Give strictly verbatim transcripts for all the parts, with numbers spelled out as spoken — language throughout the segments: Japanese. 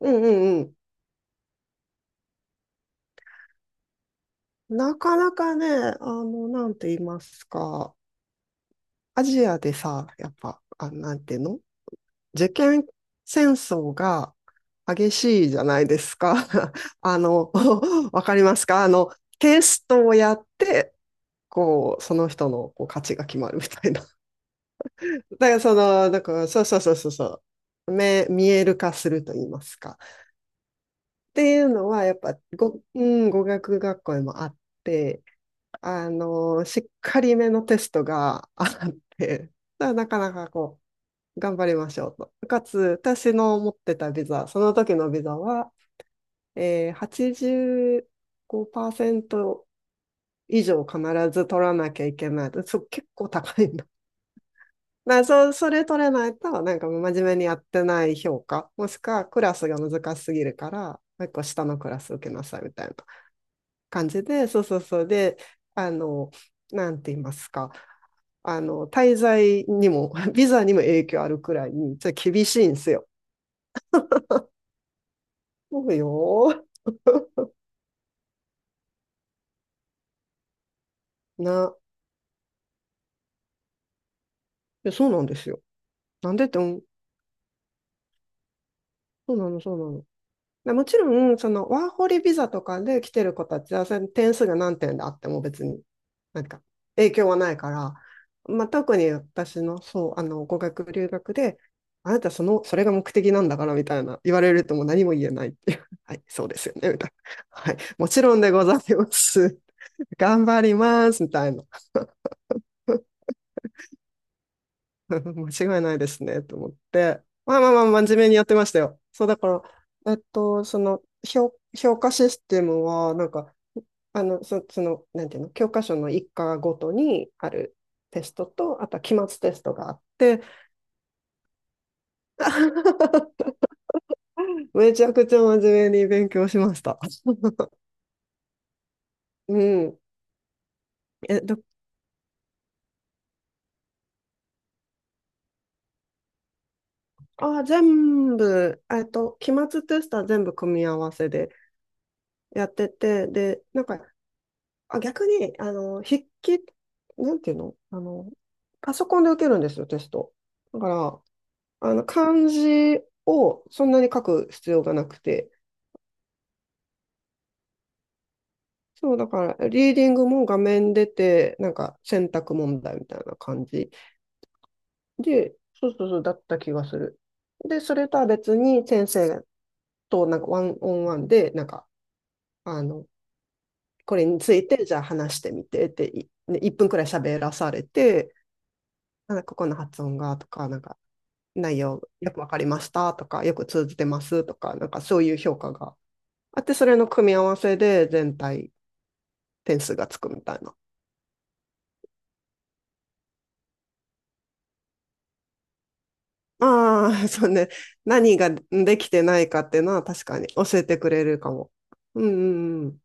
うんうんうん。なかなかね、あの、なんて言いますか、アジアでさ、やっぱ、あ、なんていうの、受験戦争が激しいじゃないですか。あの、わかりますか。あの、テストをやって、こう、その人のこう価値が決まるみたいな。だからその、だから、そうそうそうそうそう。目、見える化すると言いますか。っていうのは、やっぱ、ご、うん、語学学校でもあって、あの、しっかりめのテストがあって、だからなかなかこう、頑張りましょうと。かつ、私の持ってたビザ、その時のビザは、えー、はちじゅうごパーセント以上必ず取らなきゃいけない。そう、結構高いんだ。だそ、それ取れないと、なんか真面目にやってない評価、もしくはクラスが難しすぎるから、もう一個下のクラス受けなさいみたいな感じで、そうそうそう。で、あの、なんて言いますか。あの、滞在にも、ビザにも影響あるくらいに、ちょっと厳しいんですよ。そうよ。な、いやそうなんですよ。なんでって、うん、そうなの、そうなの。でもちろん、そのワーホリビザとかで来てる子たちは、それ点数が何点であっても別に、なんか影響はないから、まあ、特に私の、そう、あの、語学留学で、あなたその、それが目的なんだからみたいな言われるともう何も言えないっていう。はい、そうですよね、みたいな。はい、もちろんでございます。頑張ります、みたいな。間違いないですね、と思って。まあまあまあ、真面目にやってましたよ。そう、だから、えっと、その、評、評価システムは、なんか、あの、そ、その、なんていうの、教科書の一課ごとにあるテストと、あとは期末テストがあって、めちゃくちゃ真面目に勉強しました。うん。え、ど、あ、全部、えっと、期末テストは全部組み合わせでやってて、で、なんか、あ、逆に、あの、筆記、なんていうの、あの、パソコンで受けるんですよ、テスト。だから、あの、漢字をそんなに書く必要がなくて、そう、だから、リーディングも画面出て、なんか選択問題みたいな感じで、そうそうそう、だった気がする。で、それとは別に先生となんかワンオンワンで、なんか、あの、これについて、じゃあ話してみてって、いね、いっぷんくらい喋らされて、なんかここの発音がとか、なんか内容よくわかりましたとか、よく通じてますとか、なんかそういう評価があって、それの組み合わせで全体点数がつくみたいな。ああ、そうね。何ができてないかっていうのは確かに教えてくれるかも。うんうんうん。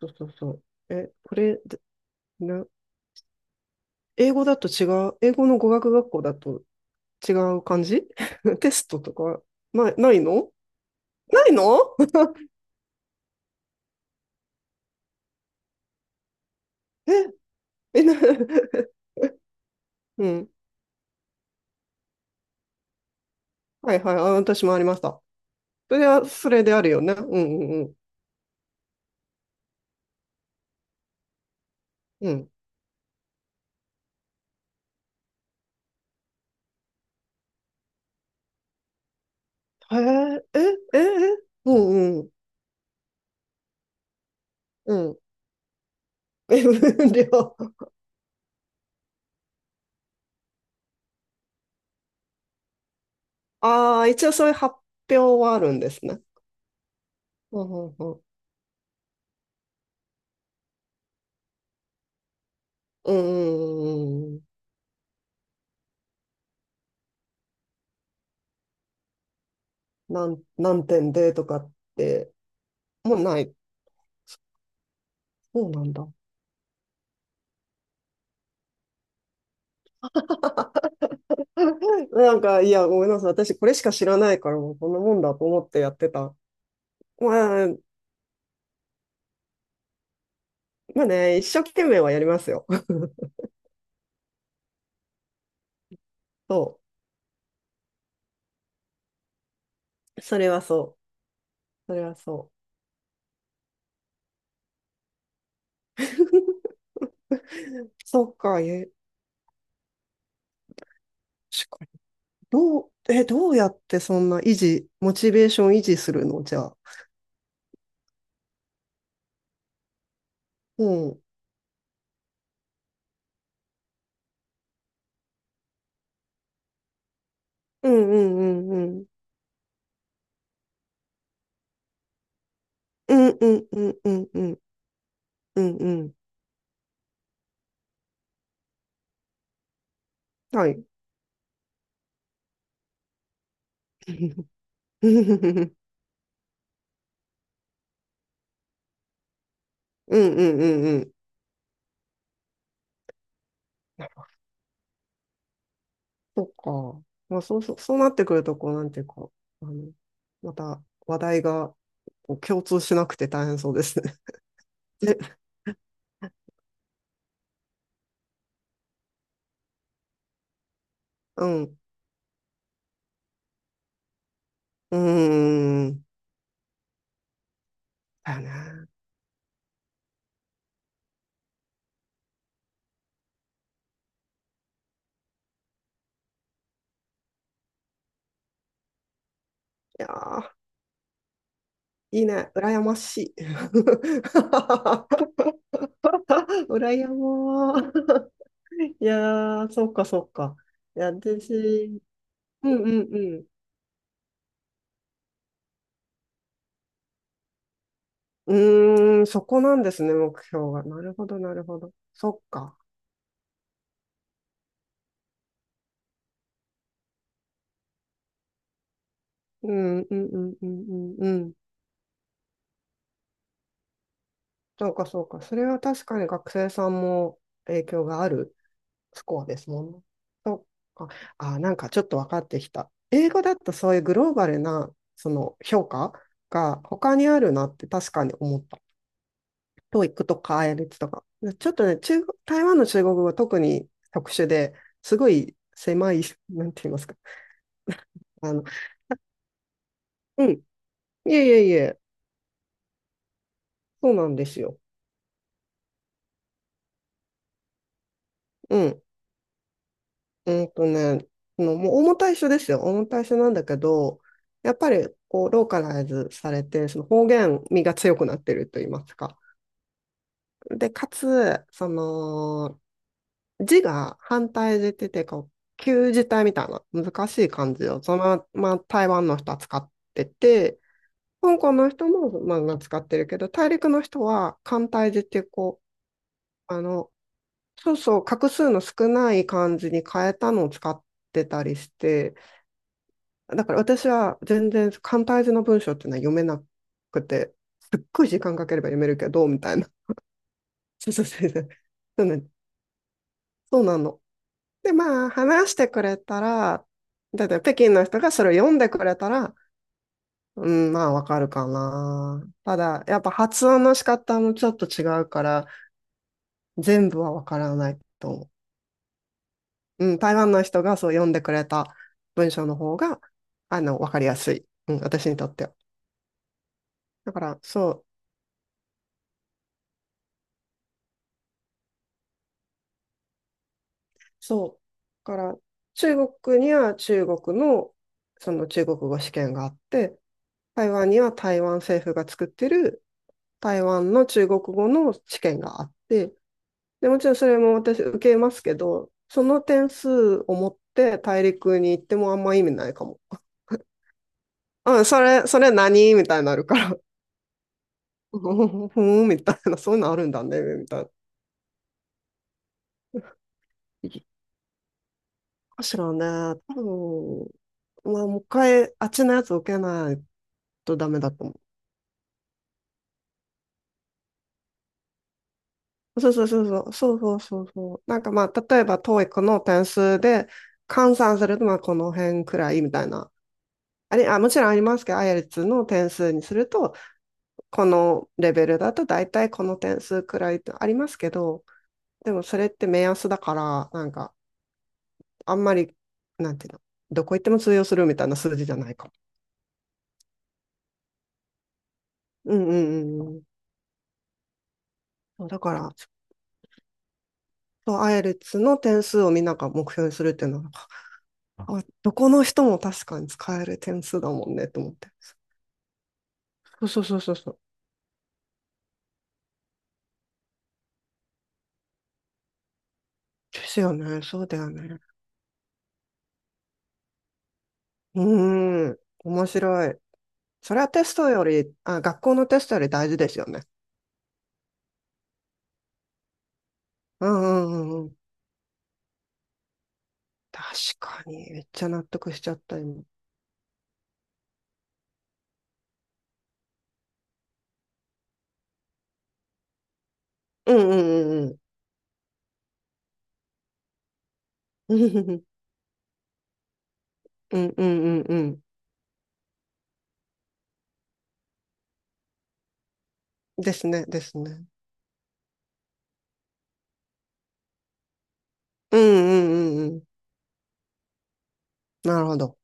そうそうそう。え、これ、で、な、英語だと違う、英語の語学学校だと違う感じ。 テストとか、ない、ないのないの。 え、え、な、うん。はいはい。あ、私もありました。それは、それであるよね。うんうんうん。うん。へえ、え、え、え、うんうん。うん。え、無料。ああ、一応そういう発表はあるんですね。うんうんうん。うんうんうん。なん、何点でとかって、もうない。そうなんだ。なんか、いや、ごめんなさい。私、これしか知らないから、もうこんなもんだと思ってやってた。まあ、まあね、一生懸命はやりますよ。そう。それはそう。それはそう。そっか、え、確かに。どう、え、どうやってそんな維持、モチベーション維持するのじゃあ。うん。うんうんうんうん。うんうんうんうんうんうんうんうん。はい。うんうんうんうん。そっか。まあそうそう、そうなってくると、こう、なんていうか、あの、また話題がこう共通しなくて大変そうですね。で、うん。うーん。だよね。いやー、いいね。羨ましい。羨まー。いやー、そっかそっか。いや、私、うんうんうん。うーん、そこなんですね、目標が。なるほど、なるほど。そっか。うん、うん、うん、うん、うん。うん、そうか、そうか。それは確かに学生さんも影響があるスコアですもんね。そっか。あ、なんかちょっと分かってきた。英語だとそういうグローバルな、その評価が他にあるなって確かに思った。ト o e とか アイエルツ とか。ちょっとね、中国、台湾の中国語は特に特殊ですごい狭い、なんて言いますか。あの、うん。いえいえいえ、そうなんですよ。うん。うんとね、そのもう、重たい緒ですよ。重たい緒なんだけど、やっぱり、こう、ローカライズされて、その方言味が強くなってると言いますか。で、かつ、その、字が反対字ってて、こう、旧字体みたいな難しい漢字を、そのまま台湾の人は使ってて、香港の人も、まあ、使ってるけど、大陸の人は、簡体字っていう、こう、あの、そうそう、画数の少ない漢字に変えたのを使ってたりして、だから私は全然簡体字の文章っていうのは読めなくて、すっごい時間かければ読めるけど、みたいな。そうそうそうそう。そうなのそうなの。で、まあ、話してくれたら、だって北京の人がそれを読んでくれたら、うん、まあ、わかるかな。ただ、やっぱ発音の仕方もちょっと違うから、全部はわからないと思う。うん、台湾の人がそう読んでくれた文章の方が、あの、わかりやすい。うん、私にとっては。だから、そう、そう。だから、中国には中国の、その中国語試験があって、台湾には台湾政府が作ってる台湾の中国語の試験があって、で、もちろんそれも私受けますけど、その点数を持って大陸に行ってもあんま意味ないかも。うん、それ、それ何みたいになるから。ふーん、みたいな、そういうのあるんだね、みたいな。いいかしらね、多分、まあ、もう一回、あっちのやつ受けないとダメだと思う。そうそうそうそう、そうそうそうそう。なんかまあ、例えば、トーイックの点数で換算すると、まあ、この辺くらいみたいな。あれ、あ、もちろんありますけど、アイエルツの点数にすると、このレベルだと大体この点数くらいってありますけど、でもそれって目安だから、なんか、あんまり、なんていうの、どこ行っても通用するみたいな数字じゃないか。うんうんうんうん。そう、だから、ちょっとアイエルツの点数をみんなが目標にするっていうのは、あ、どこの人も確かに使える点数だもんねと思って。そうそうそうそうそう。ですよね。そうだよね。うーん。面白い。それはテストより、あ、学校のテストより大事ですよね。うんうんうんうん。確かに。めっちゃ納得しちゃった、今。うんうんうんうん。うんうんうんうん。ですね、ですね。うんうんうんうん。なるほど。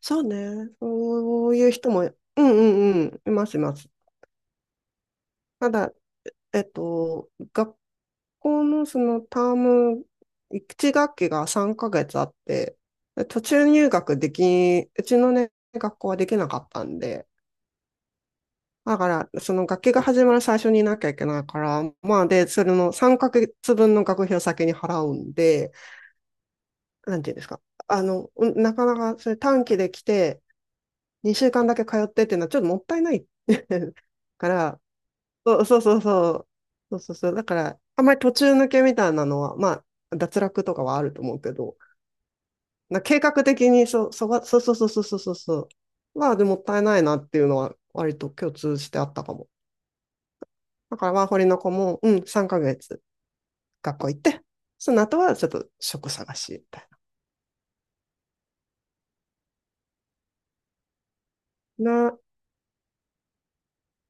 そうね。そういう人も、うんうんうん、いますいます。ただ、えっと、学校のそのターム、いち学期がさんかげつあって、で途中入学でき、うちのね、学校はできなかったんで、だから、その学期が始まる最初にいなきゃいけないから、まあで、それのさんかげつぶんの学費を先に払うんで、なんていうんですか。あの、うん、なかなかそれ短期で来て、にしゅうかんだけ通ってっていうのはちょっともったいない から、そうそうそうそう。そうそうそう。だから、あんまり途中抜けみたいなのは、まあ、脱落とかはあると思うけど、な計画的にそ、そが、そうそうそうそうそうそうそう。まあ、でもったいないなっていうのは、割と共通してあったかも。だから、ワーホリの子も、うん、さんかげつ学校行って、その後はちょっと職探しみたいな。な、